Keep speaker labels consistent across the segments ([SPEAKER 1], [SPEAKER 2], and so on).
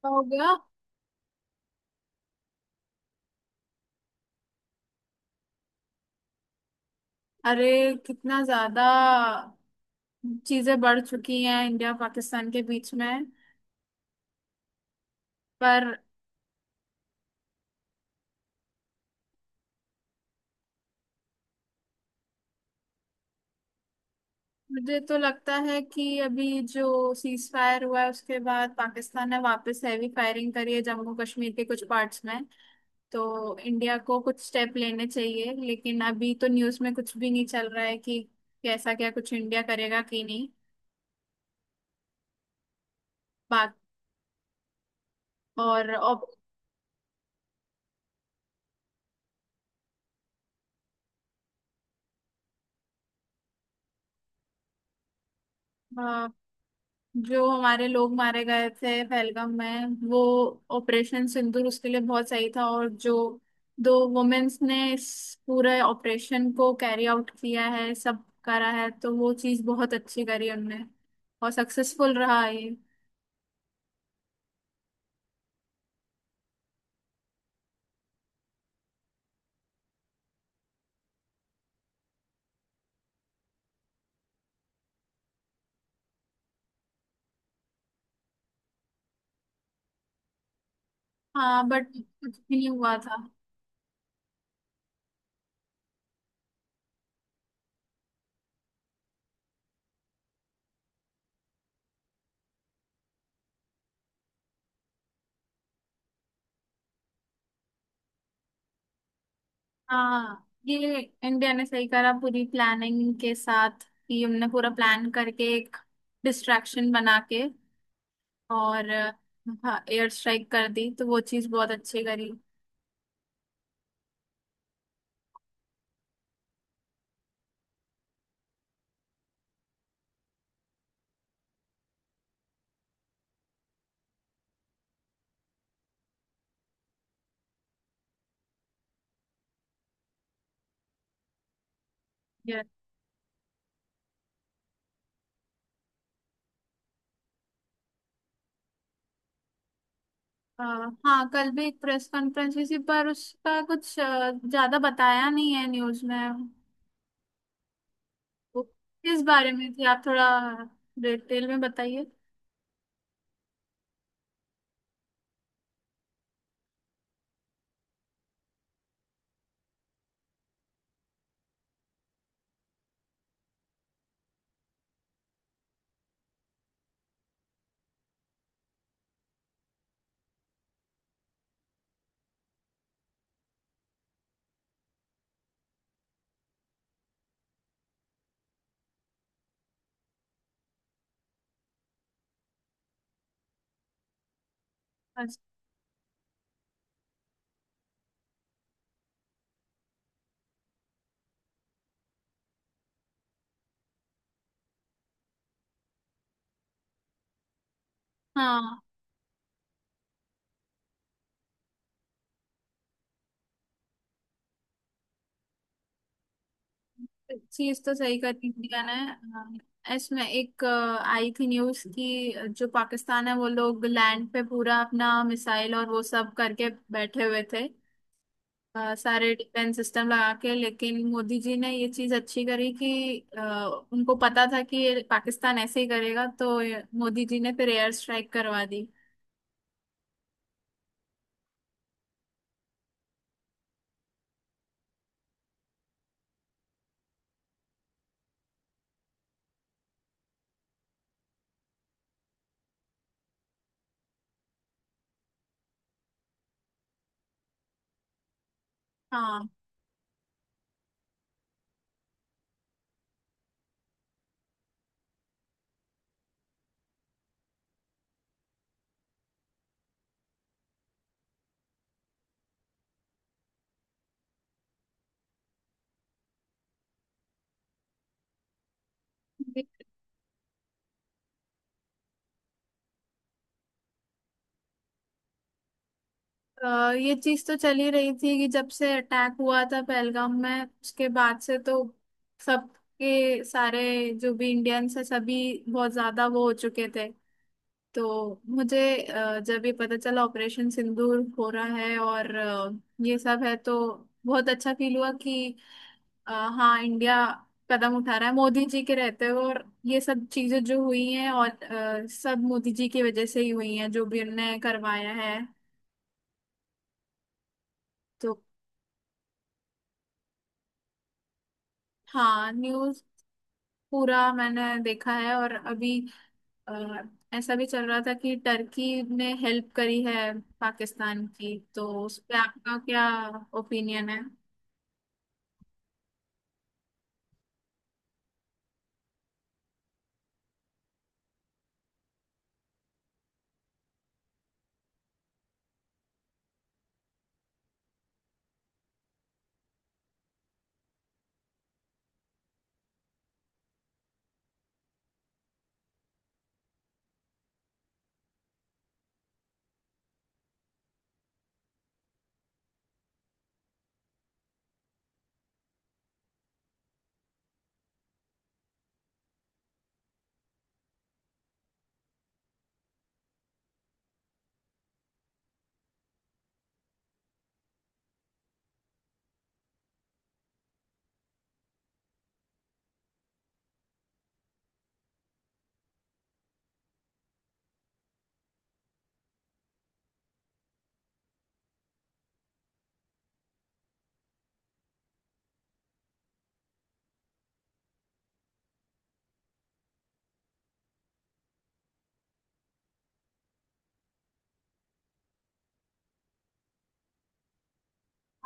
[SPEAKER 1] क्या हो गया। अरे कितना ज्यादा चीजें बढ़ चुकी हैं इंडिया पाकिस्तान के बीच में। पर मुझे तो लगता है कि अभी जो सीज फायर हुआ है उसके बाद पाकिस्तान ने वापस हैवी फायरिंग करी है जम्मू कश्मीर के कुछ पार्ट्स में। तो इंडिया को कुछ स्टेप लेने चाहिए लेकिन अभी तो न्यूज़ में कुछ भी नहीं चल रहा है कि कैसा क्या कुछ इंडिया करेगा कि नहीं बात। और जो हमारे लोग मारे गए थे पहलगाम में वो ऑपरेशन सिंदूर उसके लिए बहुत सही था। और जो 2 वुमेन्स ने इस पूरे ऑपरेशन को कैरी आउट किया है सब करा है तो वो चीज बहुत अच्छी करी उनने और सक्सेसफुल रहा ये। हाँ बट कुछ भी नहीं हुआ था। हाँ ये इंडिया ने सही करा पूरी प्लानिंग के साथ कि हमने पूरा प्लान करके एक डिस्ट्रैक्शन बना के और हाँ एयर स्ट्राइक कर दी तो वो चीज बहुत अच्छी करी। ये, अ, हाँ कल भी एक प्रेस कॉन्फ्रेंस हुई थी पर उसका कुछ ज्यादा बताया नहीं है न्यूज में। वो किस बारे में थी आप थोड़ा डिटेल में बताइए। अच्छा, हाँ चीज तो सही करी इंडिया ने, हाँ। इसमें आई थी न्यूज की जो पाकिस्तान है वो लोग लैंड पे पूरा अपना मिसाइल और वो सब करके बैठे हुए थे। सारे डिफेंस सिस्टम लगा के लेकिन मोदी जी ने ये चीज अच्छी करी कि अ, उनको पता था कि ये पाकिस्तान ऐसे ही करेगा तो मोदी जी ने फिर एयर स्ट्राइक करवा दी। हाँ दे- ये चीज तो चल ही रही थी कि जब से अटैक हुआ था पहलगाम में उसके बाद से तो सबके सारे जो भी इंडियंस है सभी बहुत ज्यादा वो हो चुके थे। तो मुझे जब ये पता चला ऑपरेशन सिंदूर हो रहा है और ये सब है तो बहुत अच्छा फील हुआ कि अ, हाँ इंडिया कदम उठा रहा है मोदी जी के रहते हुए और ये सब चीजें जो हुई हैं और सब मोदी जी की वजह से ही हुई हैं जो भी उनने करवाया है। तो हाँ न्यूज पूरा मैंने देखा है और अभी अ, ऐसा भी चल रहा था कि टर्की ने हेल्प करी है पाकिस्तान की, तो उस पे आपका क्या ओपिनियन है।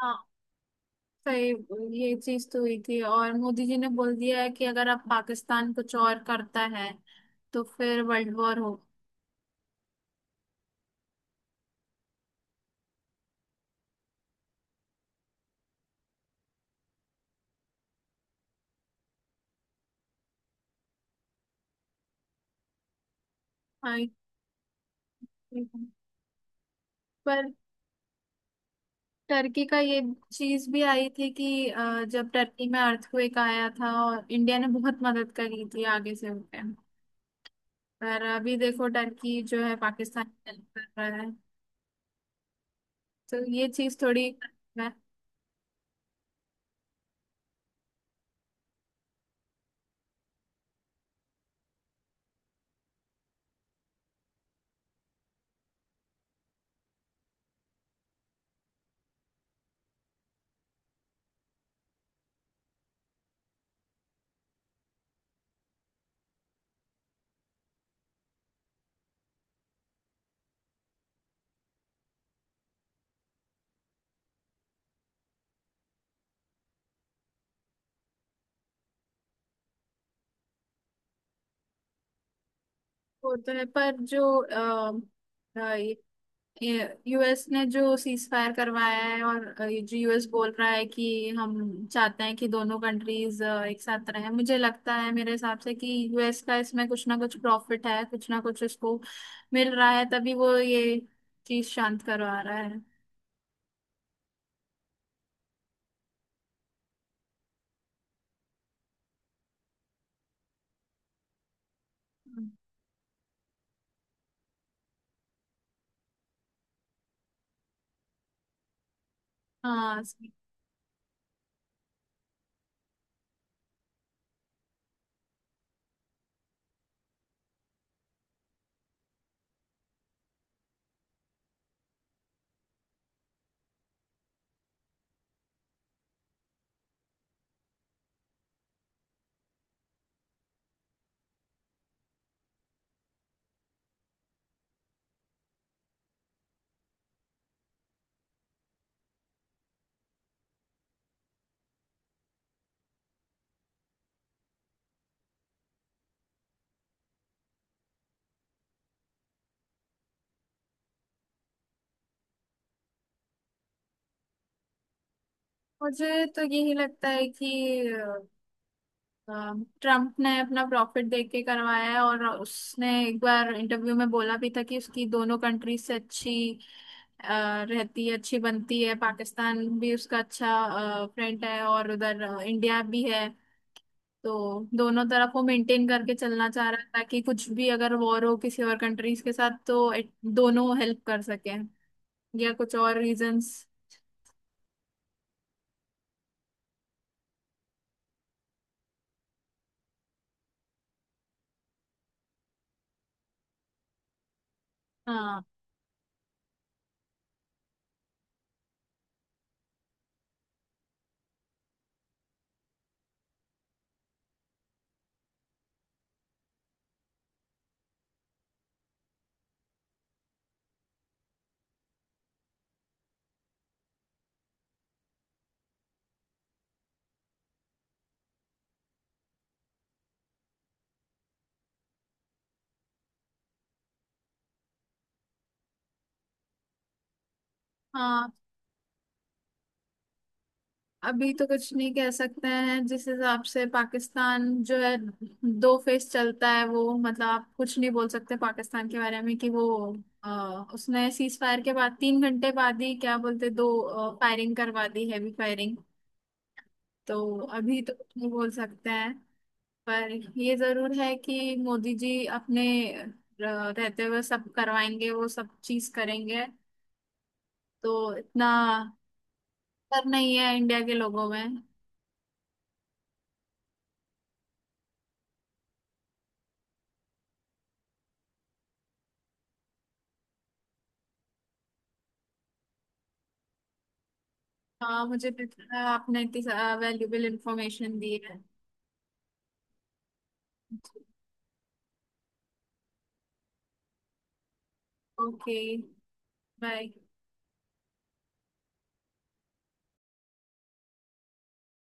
[SPEAKER 1] हाँ सही ये चीज तो हुई थी और मोदी जी ने बोल दिया है कि अगर आप पाकिस्तान कुछ और करता है तो फिर वर्ल्ड वॉर हो। हाँ ये है। पर टर्की का ये चीज भी आई थी कि जब टर्की में अर्थक्वेक आया था और इंडिया ने बहुत मदद करी थी आगे से होके। पर अभी देखो टर्की जो है पाकिस्तान की हेल्प कर रहा है तो ये चीज थोड़ी वो तो है। पर ये यूएस ने जो सीज फायर करवाया है और ये जो यूएस बोल रहा है कि हम चाहते हैं कि दोनों कंट्रीज एक साथ रहें, मुझे लगता है मेरे हिसाब से कि यूएस का इसमें कुछ ना कुछ प्रॉफिट है, कुछ ना कुछ उसको मिल रहा है तभी वो ये चीज शांत करवा रहा है। हम्म, हाँ मुझे तो यही लगता है कि ट्रम्प ने अपना प्रॉफिट देख के करवाया है। और उसने एक बार इंटरव्यू में बोला भी था कि उसकी दोनों कंट्रीज से अच्छी अ, रहती है, अच्छी बनती है। पाकिस्तान भी उसका अच्छा फ्रेंड है और उधर इंडिया भी है। तो दोनों तरफ वो मेंटेन करके चलना चाह रहा है ताकि कुछ भी अगर वॉर हो किसी और कंट्रीज के साथ तो दोनों हेल्प कर सकें या कुछ और रीजंस। हाँ हाँ अभी तो कुछ नहीं कह सकते हैं। जिस हिसाब से पाकिस्तान जो है दो फेस चलता है वो, मतलब आप कुछ नहीं बोल सकते पाकिस्तान के बारे में कि वो उसने सीज फायर के बाद 3 घंटे बाद ही क्या बोलते दो फायरिंग करवा दी, हैवी फायरिंग। तो अभी तो कुछ नहीं बोल सकते हैं। पर ये जरूर है कि मोदी जी अपने अ, रहते हुए सब करवाएंगे, वो सब चीज करेंगे। तो इतना डर नहीं है इंडिया के लोगों में। हाँ मुझे पता है आपने इतनी वैल्यूबल इंफॉर्मेशन दी है। Okay bye.